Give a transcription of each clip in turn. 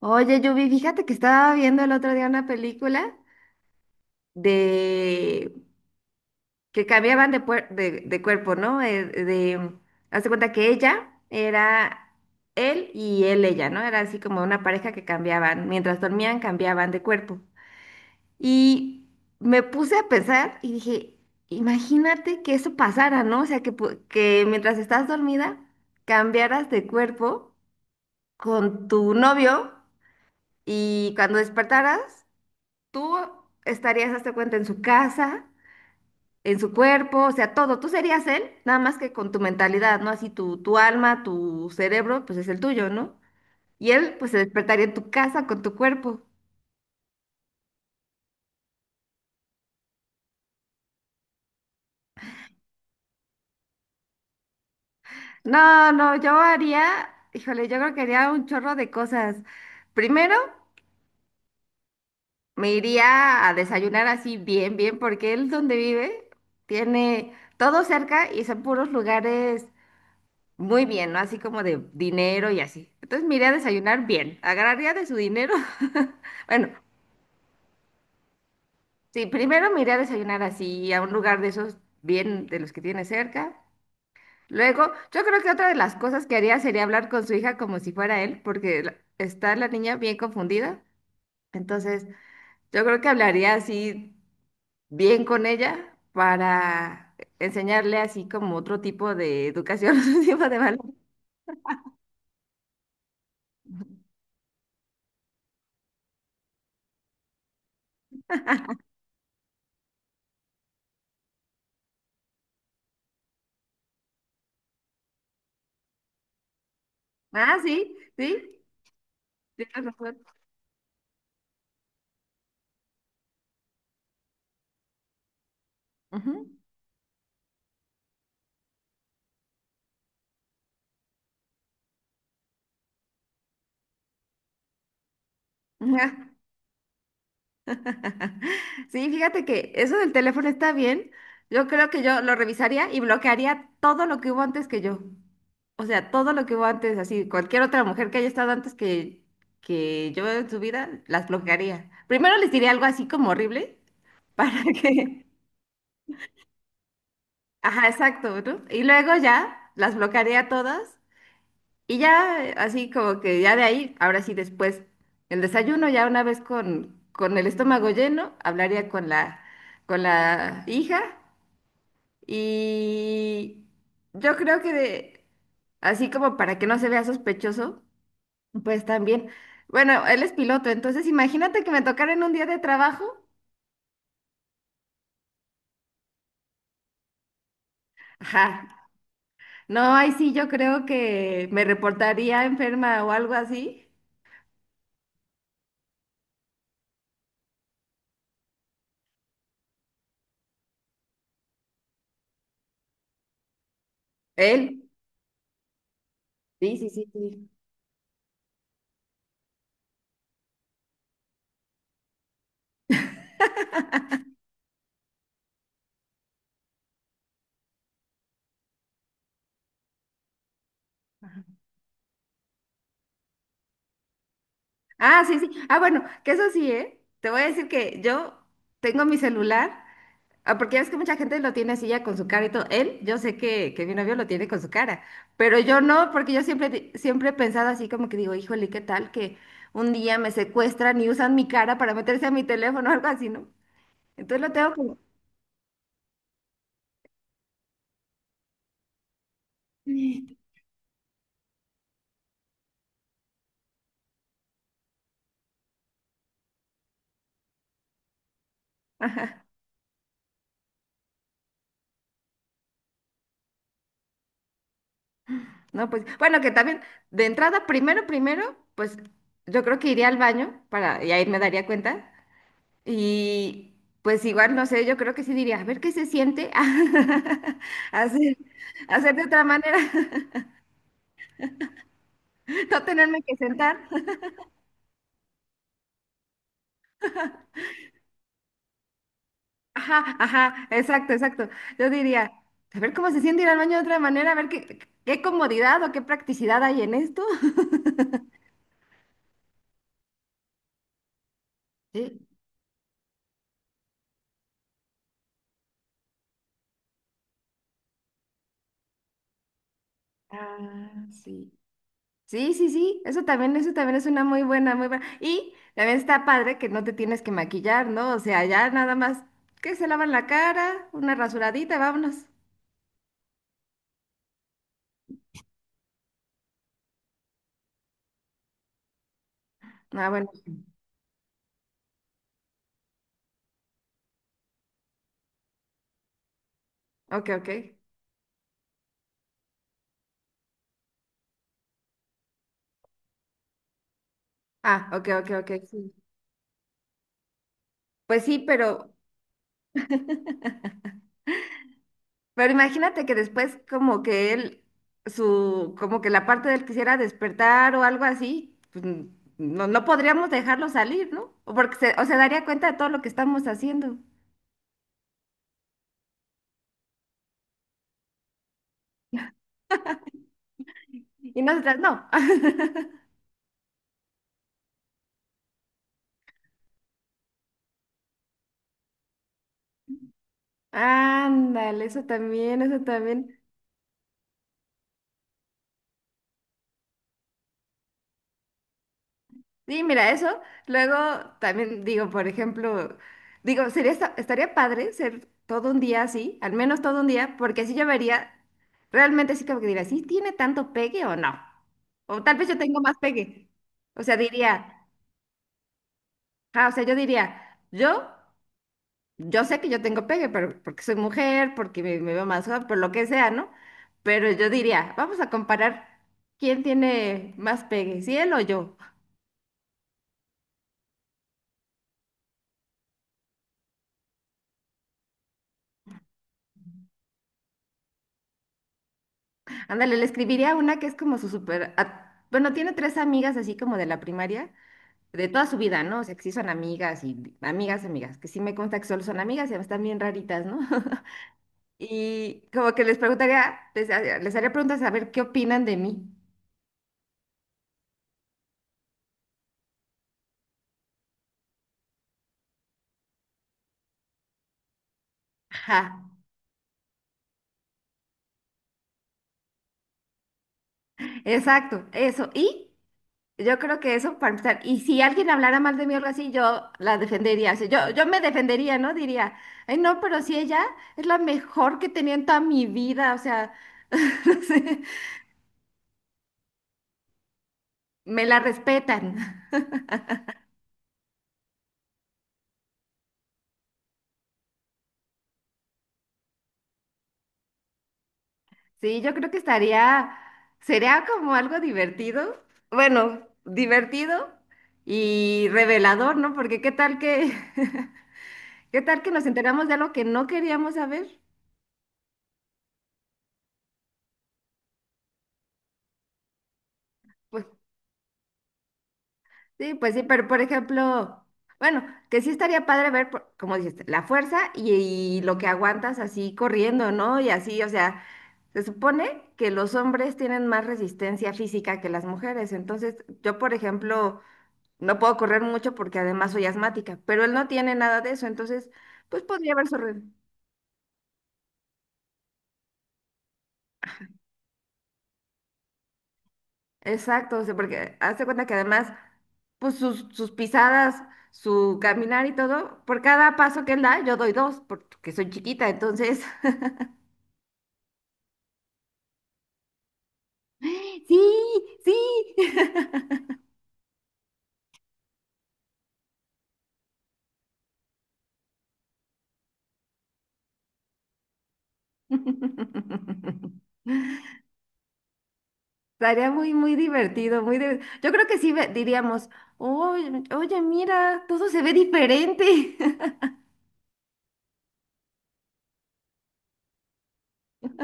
Oye, Yubi, fíjate que estaba viendo el otro día una película de que cambiaban de, de cuerpo, ¿no? De, hace cuenta que ella era él y él ella, ¿no? Era así como una pareja que cambiaban, mientras dormían cambiaban de cuerpo. Y me puse a pensar y dije, imagínate que eso pasara, ¿no? O sea, que mientras estás dormida cambiaras de cuerpo con tu novio y cuando despertaras tú estarías, hazte cuenta, en su casa, en su cuerpo, o sea, todo. Tú serías él, nada más que con tu mentalidad, ¿no? Así tu alma, tu cerebro, pues es el tuyo, ¿no? Y él, pues se despertaría en tu casa con tu cuerpo. No, no, yo haría, híjole, yo creo que haría un chorro de cosas. Primero, me iría a desayunar así bien, bien, porque él donde vive tiene todo cerca y son puros lugares muy bien, ¿no? Así como de dinero y así. Entonces me iré a desayunar bien. Agarraría de su dinero. Bueno, sí, primero me iré a desayunar así a un lugar de esos bien de los que tiene cerca. Luego, yo creo que otra de las cosas que haría sería hablar con su hija como si fuera él, porque está la niña bien confundida. Entonces, yo creo que hablaría así bien con ella para enseñarle así como otro tipo de educación, otro tipo de valor. Ah, sí, sí, tienes razón. Ujú. Ajá. Sí, fíjate que eso del teléfono está bien. Yo creo que yo lo revisaría y bloquearía todo lo que hubo antes que yo. O sea, todo lo que hubo antes, así, cualquier otra mujer que haya estado antes que yo en su vida, las bloquearía. Primero les diría algo así como horrible para que... Ajá, exacto, ¿no? Y luego ya las bloquearía todas. Y ya, así como que ya de ahí, ahora sí después, el desayuno, ya una vez con el estómago lleno, hablaría con la hija y yo creo que así como para que no se vea sospechoso, pues también, bueno, él es piloto, entonces imagínate que me tocara en un día de trabajo, ajá, no, ahí sí yo creo que me reportaría enferma o algo así, él, sí, sí, sí, sí. Ah, sí, sí. Ah, bueno, que eso sí, ¿eh? Te voy a decir que yo tengo mi celular, ah, porque ya ves que mucha gente lo tiene así ya con su cara y todo. Él, yo sé que mi novio lo tiene con su cara, pero yo no, porque yo siempre, siempre he pensado así como que digo, híjole, ¿qué tal que un día me secuestran y usan mi cara para meterse a mi teléfono o algo así, ¿no? Entonces lo tengo como... Sí. Ajá. No, pues, bueno, que también, de entrada, primero, primero, pues yo creo que iría al baño para, y ahí me daría cuenta. Y pues igual, no sé, yo creo que sí diría, a ver qué se siente hacer, hacer de otra manera, no tenerme que sentar. Ajá, ajá, exacto, exacto. Yo diría, a ver cómo se siente ir al baño de otra manera, a ver qué, qué comodidad o qué practicidad hay en esto. Sí. Ah, sí. Sí, sí, sí, eso también es una muy buena, muy buena. Y también está padre que no te tienes que maquillar, ¿no? O sea, ya nada más que se lavan la cara, una rasuradita, vámonos. Ah, bueno. Ok, ok. Ah, ok, ok, ok. Sí. Pues sí, pero, pero imagínate que después como que él, su, como que la parte de él quisiera despertar o algo así, pues no, no podríamos dejarlo salir, ¿no? O porque o se daría cuenta de todo lo que estamos haciendo. Y nosotras no. Ándale, eso también, eso también. Sí, mira, eso. Luego también digo, por ejemplo, digo, sería estaría padre ser todo un día así, al menos todo un día, porque así yo vería, realmente sí como que diría, ¿sí tiene tanto pegue o no? O tal vez yo tengo más pegue. O sea, diría, ah, o sea, yo diría, yo sé que yo tengo pegue, pero porque soy mujer, porque me veo más joven, por lo que sea, ¿no? Pero yo diría, vamos a comparar quién tiene más pegue, si él o yo. Ándale, le escribiría una que es como su super... a- Bueno, tiene tres amigas así como de la primaria, de toda su vida, ¿no? O sea, que sí son amigas y amigas, amigas, que sí me consta que solo son amigas y están bien raritas, ¿no? Y como que les preguntaría, les haría preguntas a ver qué opinan de mí. Ajá, exacto, eso. Y yo creo que eso para empezar. Y si alguien hablara mal de mí o algo así, yo la defendería. O sea, yo me defendería, ¿no? Diría, ay, no, pero si ella es la mejor que tenía en toda mi vida, o sea, no sé. Me la respetan. Sí, yo creo que estaría, sería como algo divertido, bueno, divertido y revelador, ¿no? Porque qué tal que, qué tal que nos enteramos de algo que no queríamos saber. Pues sí, pues sí, pero por ejemplo, bueno, que sí estaría padre ver, como dices, la fuerza y lo que aguantas así corriendo, ¿no? Y así, o sea, se supone que los hombres tienen más resistencia física que las mujeres, entonces yo, por ejemplo, no puedo correr mucho porque además soy asmática, pero él no tiene nada de eso, entonces, pues podría haber sorprendido. Exacto, o sea, porque hazte cuenta que además, pues sus pisadas, su caminar y todo, por cada paso que él da, yo doy dos, porque soy chiquita, entonces, sí, sí. Estaría muy, muy divertido, muy yo creo que sí diríamos, oye, oye, mira, todo se ve diferente.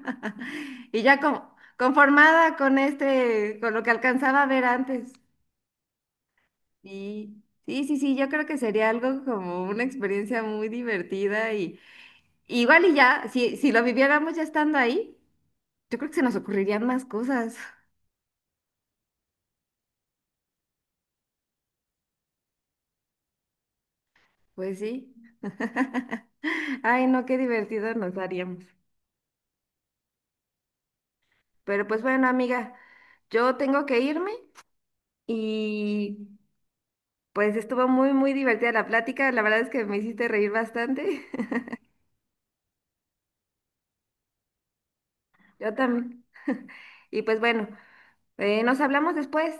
Y ya como conformada con este, con lo que alcanzaba a ver antes. Sí, sí, sí, sí, yo creo que sería algo como una experiencia muy divertida y igual y ya, si lo viviéramos ya estando ahí, yo creo que se nos ocurrirían más cosas. Pues sí. Ay, no, qué divertido nos haríamos. Pero pues bueno, amiga, yo tengo que irme y pues estuvo muy, muy divertida la plática. La verdad es que me hiciste reír bastante. Yo también. Y pues bueno, nos hablamos después.